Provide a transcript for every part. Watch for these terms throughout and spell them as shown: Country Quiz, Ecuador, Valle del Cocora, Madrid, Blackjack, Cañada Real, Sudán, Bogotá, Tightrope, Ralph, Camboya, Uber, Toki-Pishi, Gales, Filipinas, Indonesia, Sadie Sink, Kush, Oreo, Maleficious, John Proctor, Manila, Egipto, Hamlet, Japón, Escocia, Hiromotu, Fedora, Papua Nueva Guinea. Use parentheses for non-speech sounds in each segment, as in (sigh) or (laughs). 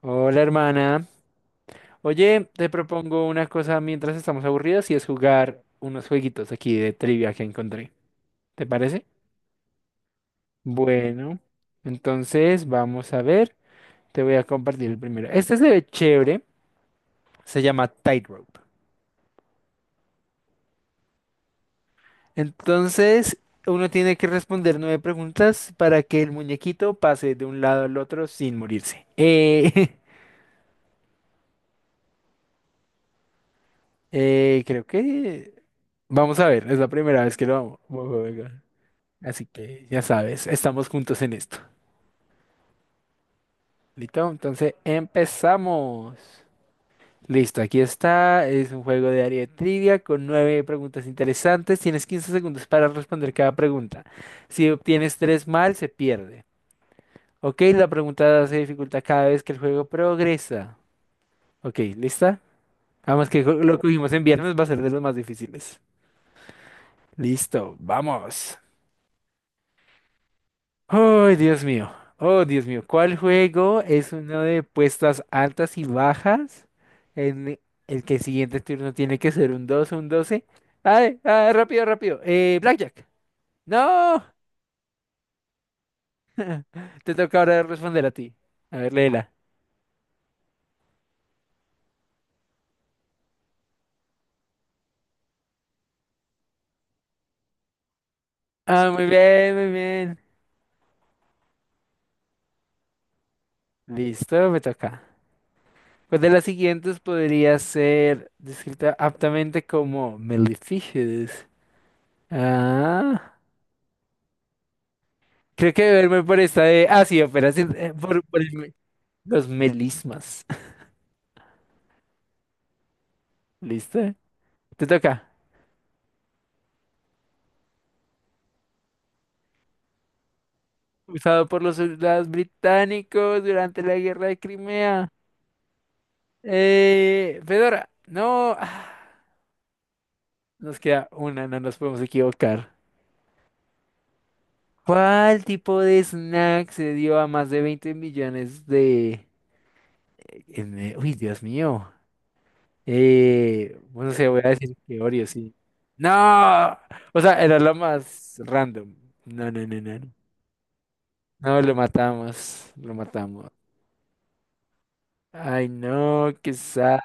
Hola, hermana. Oye, te propongo una cosa mientras estamos aburridos y es jugar unos jueguitos aquí de trivia que encontré. ¿Te parece? Bueno, entonces vamos a ver. Te voy a compartir el primero. Este se ve chévere. Se llama Tightrope. Entonces, uno tiene que responder nueve preguntas para que el muñequito pase de un lado al otro sin morirse. (laughs) Creo que... Vamos a ver, es la primera vez que lo vamos. Así que ya sabes, estamos juntos en esto. ¿Listo? Entonces empezamos. Listo, aquí está. Es un juego de área de trivia con nueve preguntas interesantes. Tienes 15 segundos para responder cada pregunta. Si obtienes tres mal, se pierde. Ok, la pregunta se dificulta cada vez que el juego progresa. Ok, ¿lista? Vamos que lo que cogimos en viernes, va a ser de los más difíciles. Listo, vamos. Oh, Dios mío. Oh, Dios mío. ¿Cuál juego es uno de puestas altas y bajas? En el que el siguiente turno tiene que ser un 2, o un 12. ¡Ay! ¡Ah, rápido, rápido! Blackjack. ¡No! Te toca ahora responder a ti. A ver, léela. Ah, muy bien, muy bien. Listo, me toca. Pues de las siguientes podría ser descrita aptamente como Maleficious. Ah, creo que verme por esta de. Ah, sí, operación. Los melismas. (laughs) ¿Listo? Te toca. Usado por los soldados británicos durante la guerra de Crimea. Fedora, no. Nos queda una, no nos podemos equivocar. ¿Cuál tipo de snack se dio a más de 20 millones de... Uy, Dios mío. Bueno, se voy a decir que Oreo, sí. No. O sea, era lo más random. No, no, no, no. No, no, lo matamos. Lo matamos. Ay, no, qué quizá.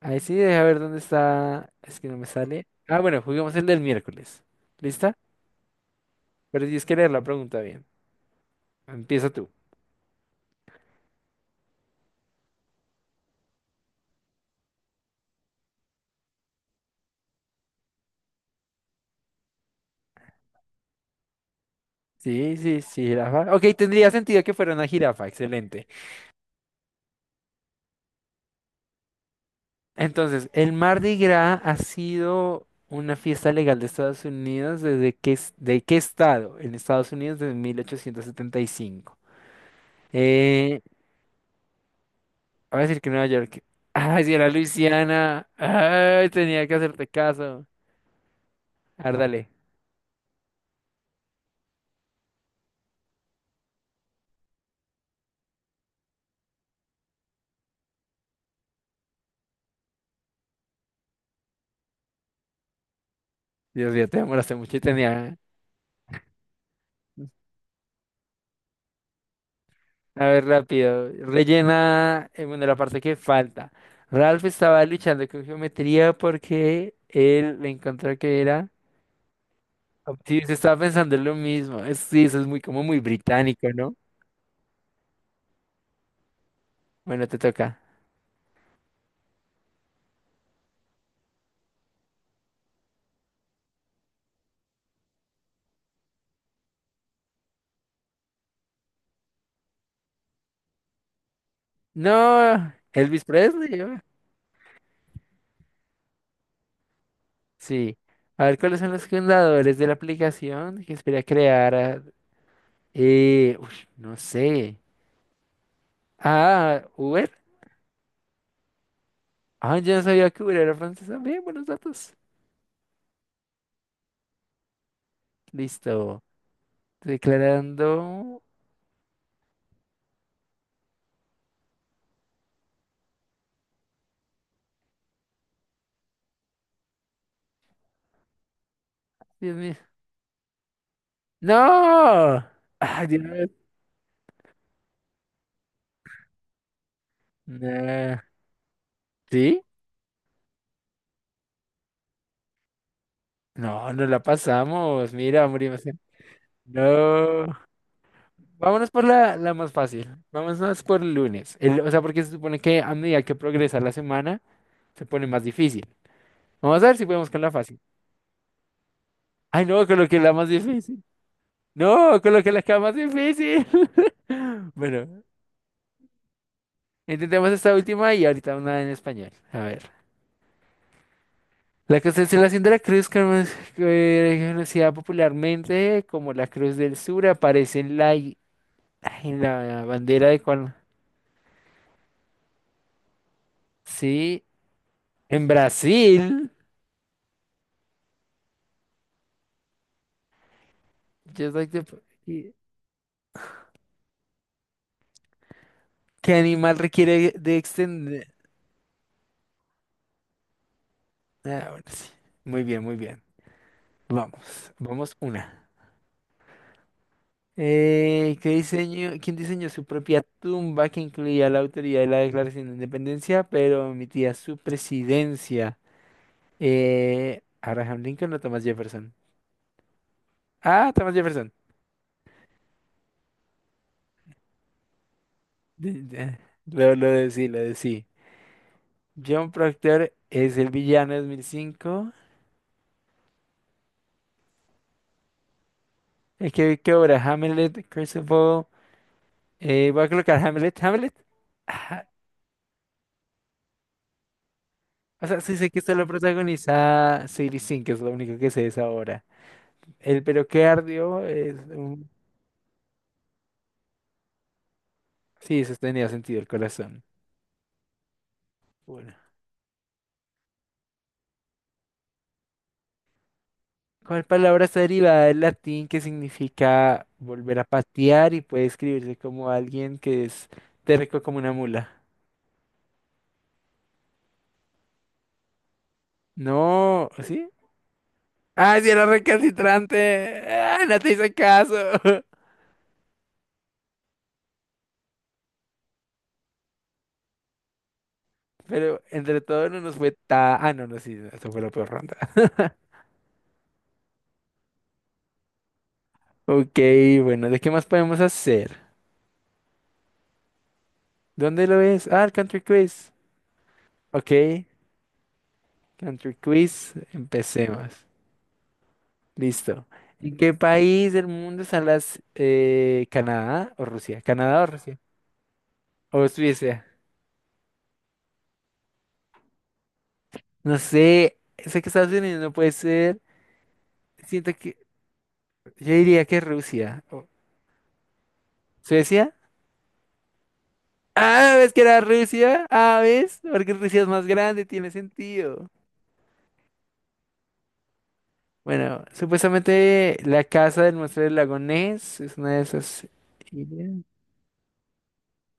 Ay, sí, deja ver dónde está. Es que no me sale. Ah, bueno, juguemos el del miércoles. ¿Lista? Pero tienes que leer la pregunta bien. Empieza tú. Sí, sí, sí, jirafa. Ok, tendría sentido que fuera una jirafa. Excelente. Entonces, el Mardi Gras ha sido una fiesta legal de Estados Unidos desde qué, ¿de qué estado? En Estados Unidos desde 1875. Eh, voy a decir que Nueva York. Ay, si era Luisiana. Ay, tenía que hacerte caso. Árdale. Dios mío, te demoraste mucho y tenía. A ver, rápido. Rellena, bueno, la parte que falta. Ralph estaba luchando con geometría porque él le encontró que era. Sí, se estaba pensando en lo mismo. Sí, eso es muy como muy británico, ¿no? Bueno, te toca. No, Elvis Presley. ¿No? Sí. A ver, ¿cuáles son los fundadores de la aplicación que espera crear? Uy, no sé. Ah, Uber. Ah, yo no sabía que Uber era francés también. Buenos datos. Listo. Declarando. Dios mío. ¡No! ¡Ay, Dios! Nah. ¿Sí? No, no la pasamos. Mira, morimos. No. Vámonos por la más fácil. Vámonos por el lunes. O sea, porque se supone que a medida que progresa la semana, se pone más difícil. Vamos a ver si podemos con la fácil. Ay, no, coloqué la más difícil. No, coloqué la que era más difícil. (laughs) Bueno, intentemos esta última y ahorita una en español. A ver. La constelación de la cruz, como es conocida popularmente como la Cruz del Sur, aparece en la bandera de cuál. Sí, en Brasil. Yo soy de- y- ¿Qué animal requiere de extender? Ah, bueno, sí. Muy bien, muy bien. Vamos, vamos una. ¿Qué diseño, quién diseñó su propia tumba que incluía la autoridad de la Declaración de Independencia, pero omitía su presidencia? Abraham Lincoln o Thomas Jefferson. Ah, Thomas Jefferson. De- de- lo de sí, lo de sí. John Proctor es el villano de 2005. Es que, ¿qué obra? Hamlet, Curse of All. Voy a colocar Hamlet. ¿Hamlet? Ajá. O sea, sí sé que esto lo protagoniza Sadie Sink, que es lo único que sé de esa obra. El pero que ardió es un... Sí, eso tenía sentido, el corazón. Bueno. ¿Cuál palabra está derivada del latín que significa volver a patear y puede escribirse como alguien que es terco como una mula? No, ¿sí? Ah, sí, era recalcitrante. Ah, no te hice caso. (laughs) Pero entre todo no nos fue tan... Ah, no, no, sí, eso fue la peor ronda. (laughs) Ok, bueno, ¿de qué más podemos hacer? ¿Dónde lo ves? Ah, el Country Quiz. Ok, Country Quiz, empecemos. Listo. ¿En qué país del mundo están las... Canadá o Rusia? ¿Canadá o Rusia? ¿O Suiza? No sé, sé que Estados Unidos no puede ser. Siento que... Yo diría que Rusia. ¿O ¿Suecia? Ah, ¿ves que era Rusia? Ah, ¿ves? Porque Rusia es más grande, tiene sentido. Bueno, supuestamente la casa del monstruo del lago Ness es una de esas islas.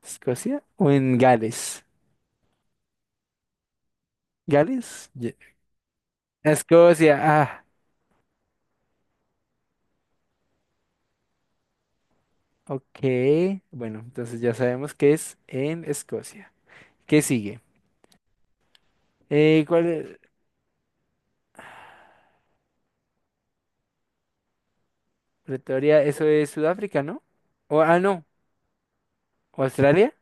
¿Escocia? ¿O en Gales? ¿Gales? Escocia, ok. Bueno, entonces ya sabemos que es en Escocia. ¿Qué sigue? ¿Cuál? Es? Pretoria, eso es Sudáfrica, ¿no? No, Australia.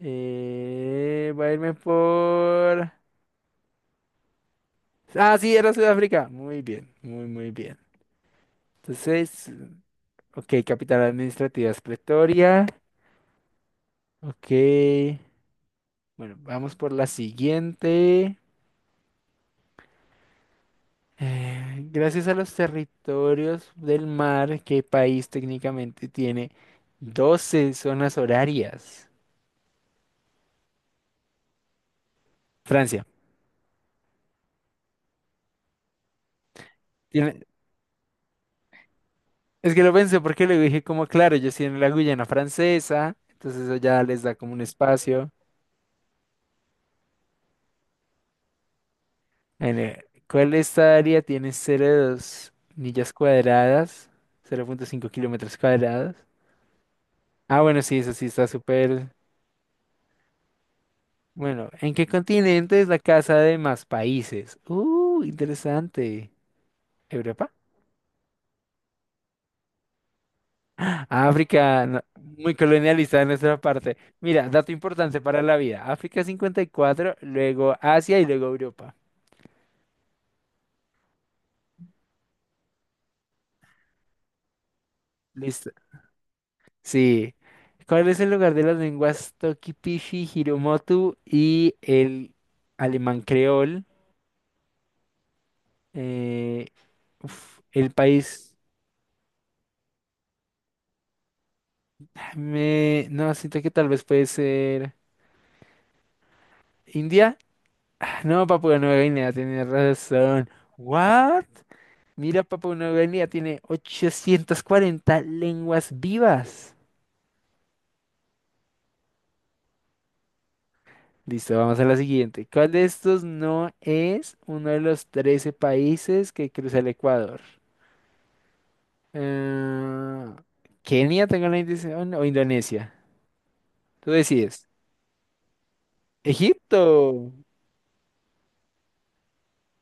Voy a irme por... Ah, sí, era Sudáfrica. Muy bien, muy, muy bien. Entonces, ok, capital administrativa es Pretoria. Ok. Bueno, vamos por la siguiente. Gracias a los territorios del mar, ¿qué país técnicamente tiene 12 zonas horarias? Francia. Tiene- Es que lo pensé porque le dije como, claro, ellos tienen la Guyana Francesa, entonces eso ya les da como un espacio. ¿Cuál de esta área tiene 0.2 millas cuadradas? 0.5 kilómetros cuadrados. Ah, bueno, sí, eso sí está súper. Bueno, ¿en qué continente es la casa de más países? Interesante. ¿Europa? África, no, muy colonialista de nuestra parte. Mira, dato importante para la vida. África 54, luego Asia y luego Europa. Listo. Sí. ¿Cuál es el lugar de las lenguas Toki-Pishi, Hiromotu y el alemán creol? Eh, uf, el país... No, siento que tal vez puede ser... ¿India? Ah, no, Papua Nueva Guinea tiene razón. ¿What? Mira, Papua Nueva Guinea tiene 840 lenguas vivas. Listo, vamos a la siguiente. ¿Cuál de estos no es uno de los 13 países que cruza el Ecuador? Eh, Kenia, tengo la intención o Indonesia. Tú decides. Egipto.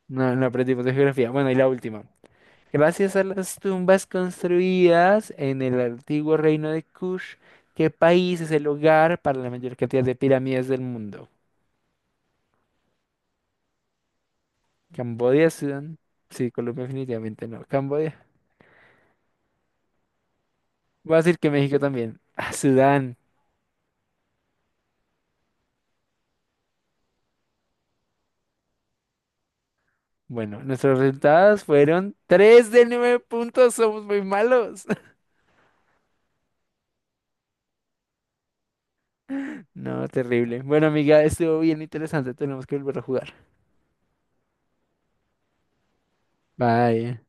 No, no aprendimos de geografía. Bueno, y la última. Gracias a las tumbas construidas en el antiguo reino de Kush, ¿qué país es el hogar para la mayor cantidad de pirámides del mundo? Camboya, Sudán. Sí, Colombia definitivamente no. Camboya. Voy a decir que México también. Ah, Sudán. Bueno, nuestros resultados fueron 3 de 9 puntos. Somos muy malos. No, terrible. Bueno, amiga, estuvo bien interesante. Tenemos que volver a jugar. Bye.